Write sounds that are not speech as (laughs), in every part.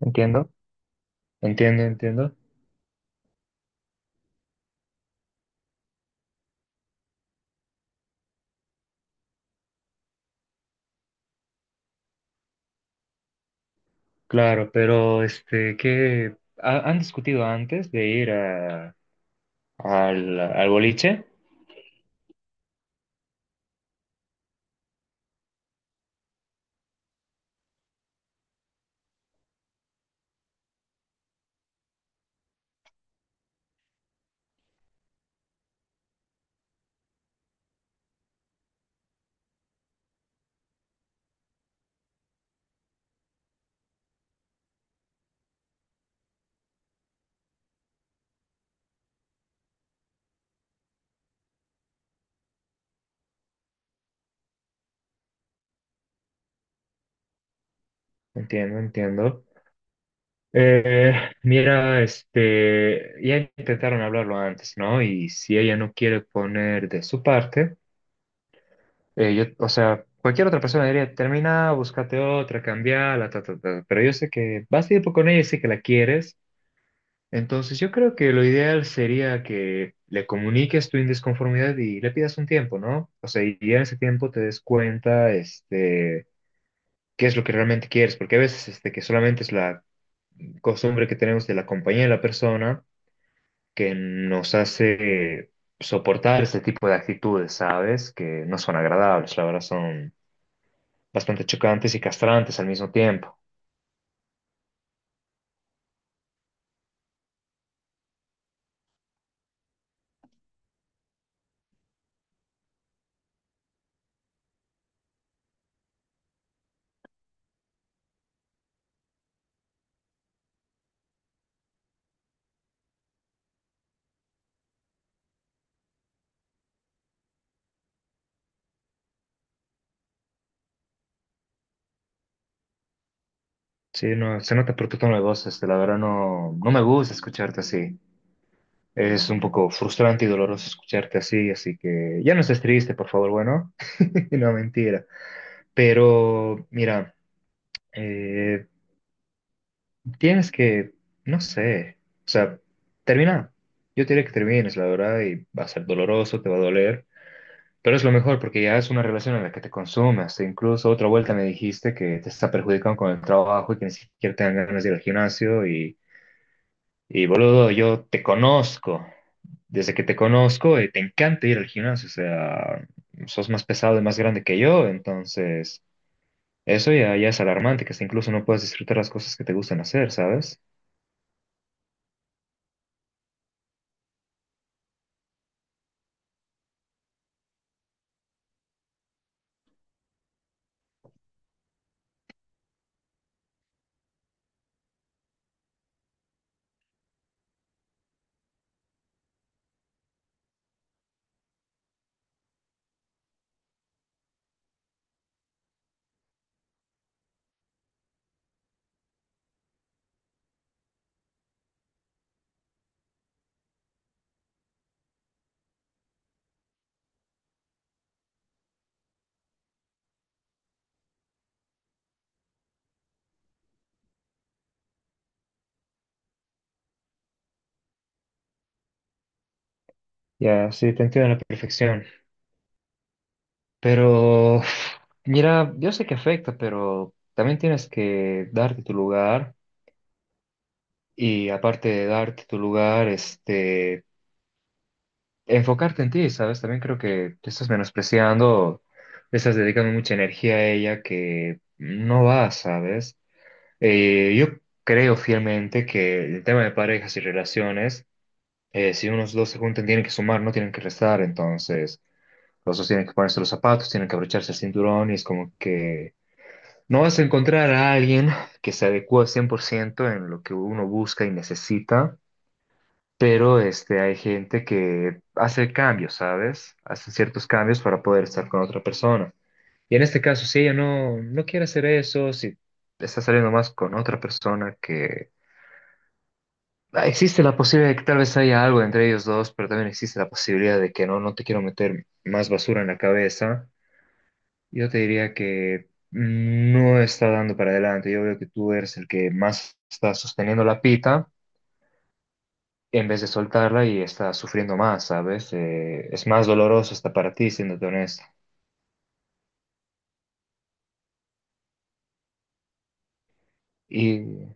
Entiendo, entiendo, entiendo. Claro, pero este, ¿qué han discutido antes de ir al boliche? Entiendo, entiendo. Eh, mira, este, ya intentaron hablarlo antes, ¿no? Y si ella no quiere poner de su parte, yo, o sea, cualquier otra persona diría, termina, búscate otra, cambiala, ta, ta, ta. Pero yo sé que vas a ir con ella y sé que la quieres. Entonces, yo creo que lo ideal sería que le comuniques tu indisconformidad y le pidas un tiempo, ¿no? O sea, y ya en ese tiempo te des cuenta, este, qué es lo que realmente quieres, porque a veces, este, que solamente es la costumbre que tenemos de la compañía de la persona que nos hace soportar ese tipo de actitudes, ¿sabes? Que no son agradables, la verdad, son bastante chocantes y castrantes al mismo tiempo. Sí, no, se nota por tu tono de voz, este, la verdad no me gusta escucharte así. Es un poco frustrante y doloroso escucharte así, así que ya no estés triste, por favor, bueno, (laughs) no mentira. Pero mira, eh, tienes que, no sé, o sea, termina. Yo te diré que termines, la verdad, y va a ser doloroso, te va a doler, pero es lo mejor porque ya es una relación en la que te consumes. E incluso otra vuelta me dijiste que te está perjudicando con el trabajo y que ni siquiera te dan ganas de ir al gimnasio y boludo, yo te conozco. Desde que te conozco, te encanta ir al gimnasio. O sea, sos más pesado y más grande que yo. Entonces, eso ya, ya es alarmante, que hasta incluso no puedes disfrutar las cosas que te gustan hacer, ¿sabes? Ya, sí, te entiendo a la perfección. Pero, uf, mira, yo sé que afecta, pero también tienes que darte tu lugar. Y aparte de darte tu lugar, este, enfocarte en ti, ¿sabes? También creo que te estás menospreciando, le estás dedicando mucha energía a ella que no va, ¿sabes? Yo creo fielmente que el tema de parejas y relaciones, si unos dos se juntan, tienen que sumar, no tienen que restar, entonces los dos tienen que ponerse los zapatos, tienen que abrocharse el cinturón y es como que no vas a encontrar a alguien que se adecue 100% en lo que uno busca y necesita, pero este, hay gente que hace cambios, ¿sabes? Hace ciertos cambios para poder estar con otra persona. Y en este caso, si ella no quiere hacer eso, si está saliendo más con otra persona que... Ah, existe la posibilidad de que tal vez haya algo entre ellos dos, pero también existe la posibilidad de que no, no te quiero meter más basura en la cabeza. Yo te diría que no está dando para adelante. Yo veo que tú eres el que más está sosteniendo la pita en vez de soltarla y estás sufriendo más, ¿sabes? Es más doloroso hasta para ti, siéndote honesto. Y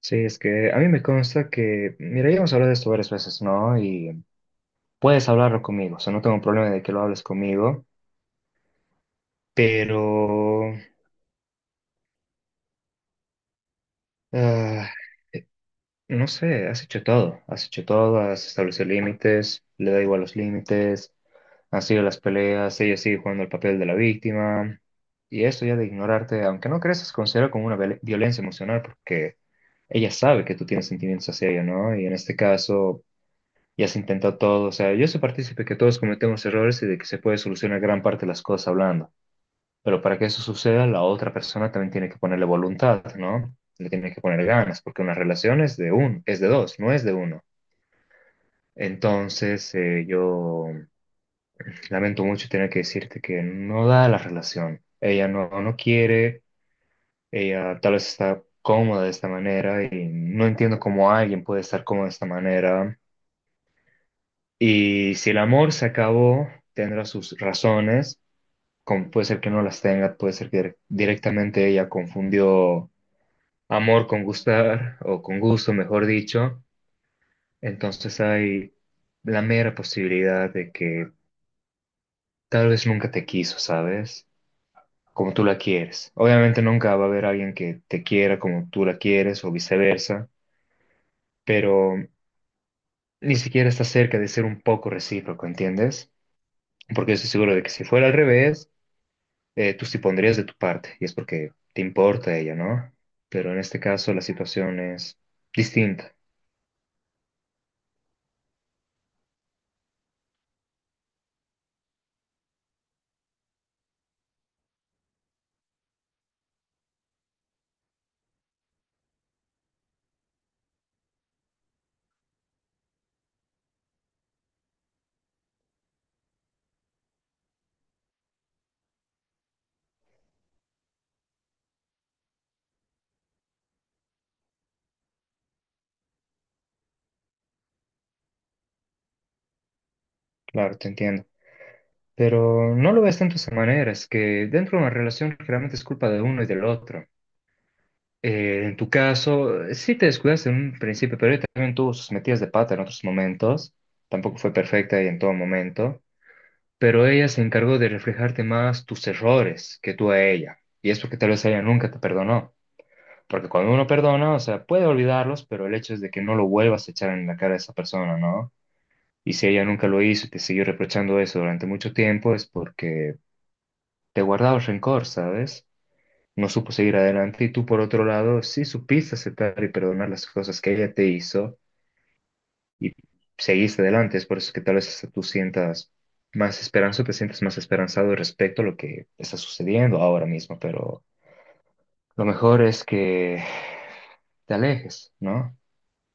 sí, es que a mí me consta que, mira, ya hemos hablado de esto varias veces, ¿no? Y puedes hablarlo conmigo, o sea, no tengo problema de que lo hables conmigo, pero, ah, no sé, has hecho todo, has hecho todo, has establecido límites, le da igual los límites, han sido las peleas, ella sigue jugando el papel de la víctima. Y eso ya de ignorarte, aunque no creas, es considerado como una violencia emocional porque ella sabe que tú tienes sentimientos hacia ella, ¿no? Y en este caso ya se intentó todo, o sea, yo soy partícipe que todos cometemos errores y de que se puede solucionar gran parte de las cosas hablando, pero para que eso suceda, la otra persona también tiene que ponerle voluntad, ¿no? Le tiene que poner ganas, porque una relación es de dos, no es de uno. Entonces, yo lamento mucho tener que decirte que no da la relación. Ella no quiere, ella tal vez está cómoda de esta manera y no entiendo cómo alguien puede estar cómodo de esta manera. Y si el amor se acabó, tendrá sus razones, como puede ser que no las tenga, puede ser que directamente ella confundió amor con gustar, o con gusto, mejor dicho. Entonces hay la mera posibilidad de que tal vez nunca te quiso, ¿sabes? Como tú la quieres. Obviamente nunca va a haber alguien que te quiera como tú la quieres, o viceversa, pero ni siquiera está cerca de ser un poco recíproco, ¿entiendes? Porque estoy seguro de que si fuera al revés, tú sí pondrías de tu parte, y es porque te importa ella, ¿no? Pero en este caso la situación es distinta, claro, te entiendo. Pero no lo ves tanto de esa manera, es que dentro de una relación generalmente es culpa de uno y del otro. En tu caso, sí te descuidaste en un principio, pero ella también tuvo sus metidas de pata en otros momentos, tampoco fue perfecta y en todo momento, pero ella se encargó de reflejarte más tus errores que tú a ella, y es porque tal vez ella nunca te perdonó. Porque cuando uno perdona, o sea, puede olvidarlos, pero el hecho es de que no lo vuelvas a echar en la cara a esa persona, ¿no? Y si ella nunca lo hizo y te siguió reprochando eso durante mucho tiempo, es porque te guardaba el rencor, ¿sabes? No supo seguir adelante y tú, por otro lado, sí supiste aceptar y perdonar las cosas que ella te hizo y seguiste adelante. Es por eso que tal vez hasta tú sientas más esperanza, te sientes más esperanzado respecto a lo que está sucediendo ahora mismo, pero lo mejor es que te alejes, ¿no?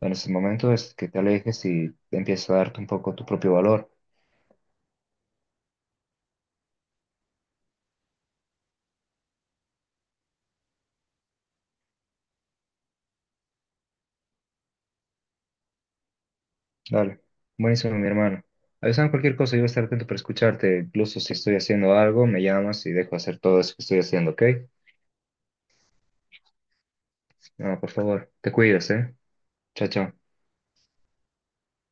En este momento es que te alejes y empiezas a darte un poco tu propio valor. Dale. Buenísimo, mi hermano. Avísame cualquier cosa, yo voy a estar atento para escucharte. Incluso si estoy haciendo algo, me llamas y dejo hacer todo eso que estoy haciendo, ¿ok? No, por favor, te cuidas, ¿eh? Chao, chao.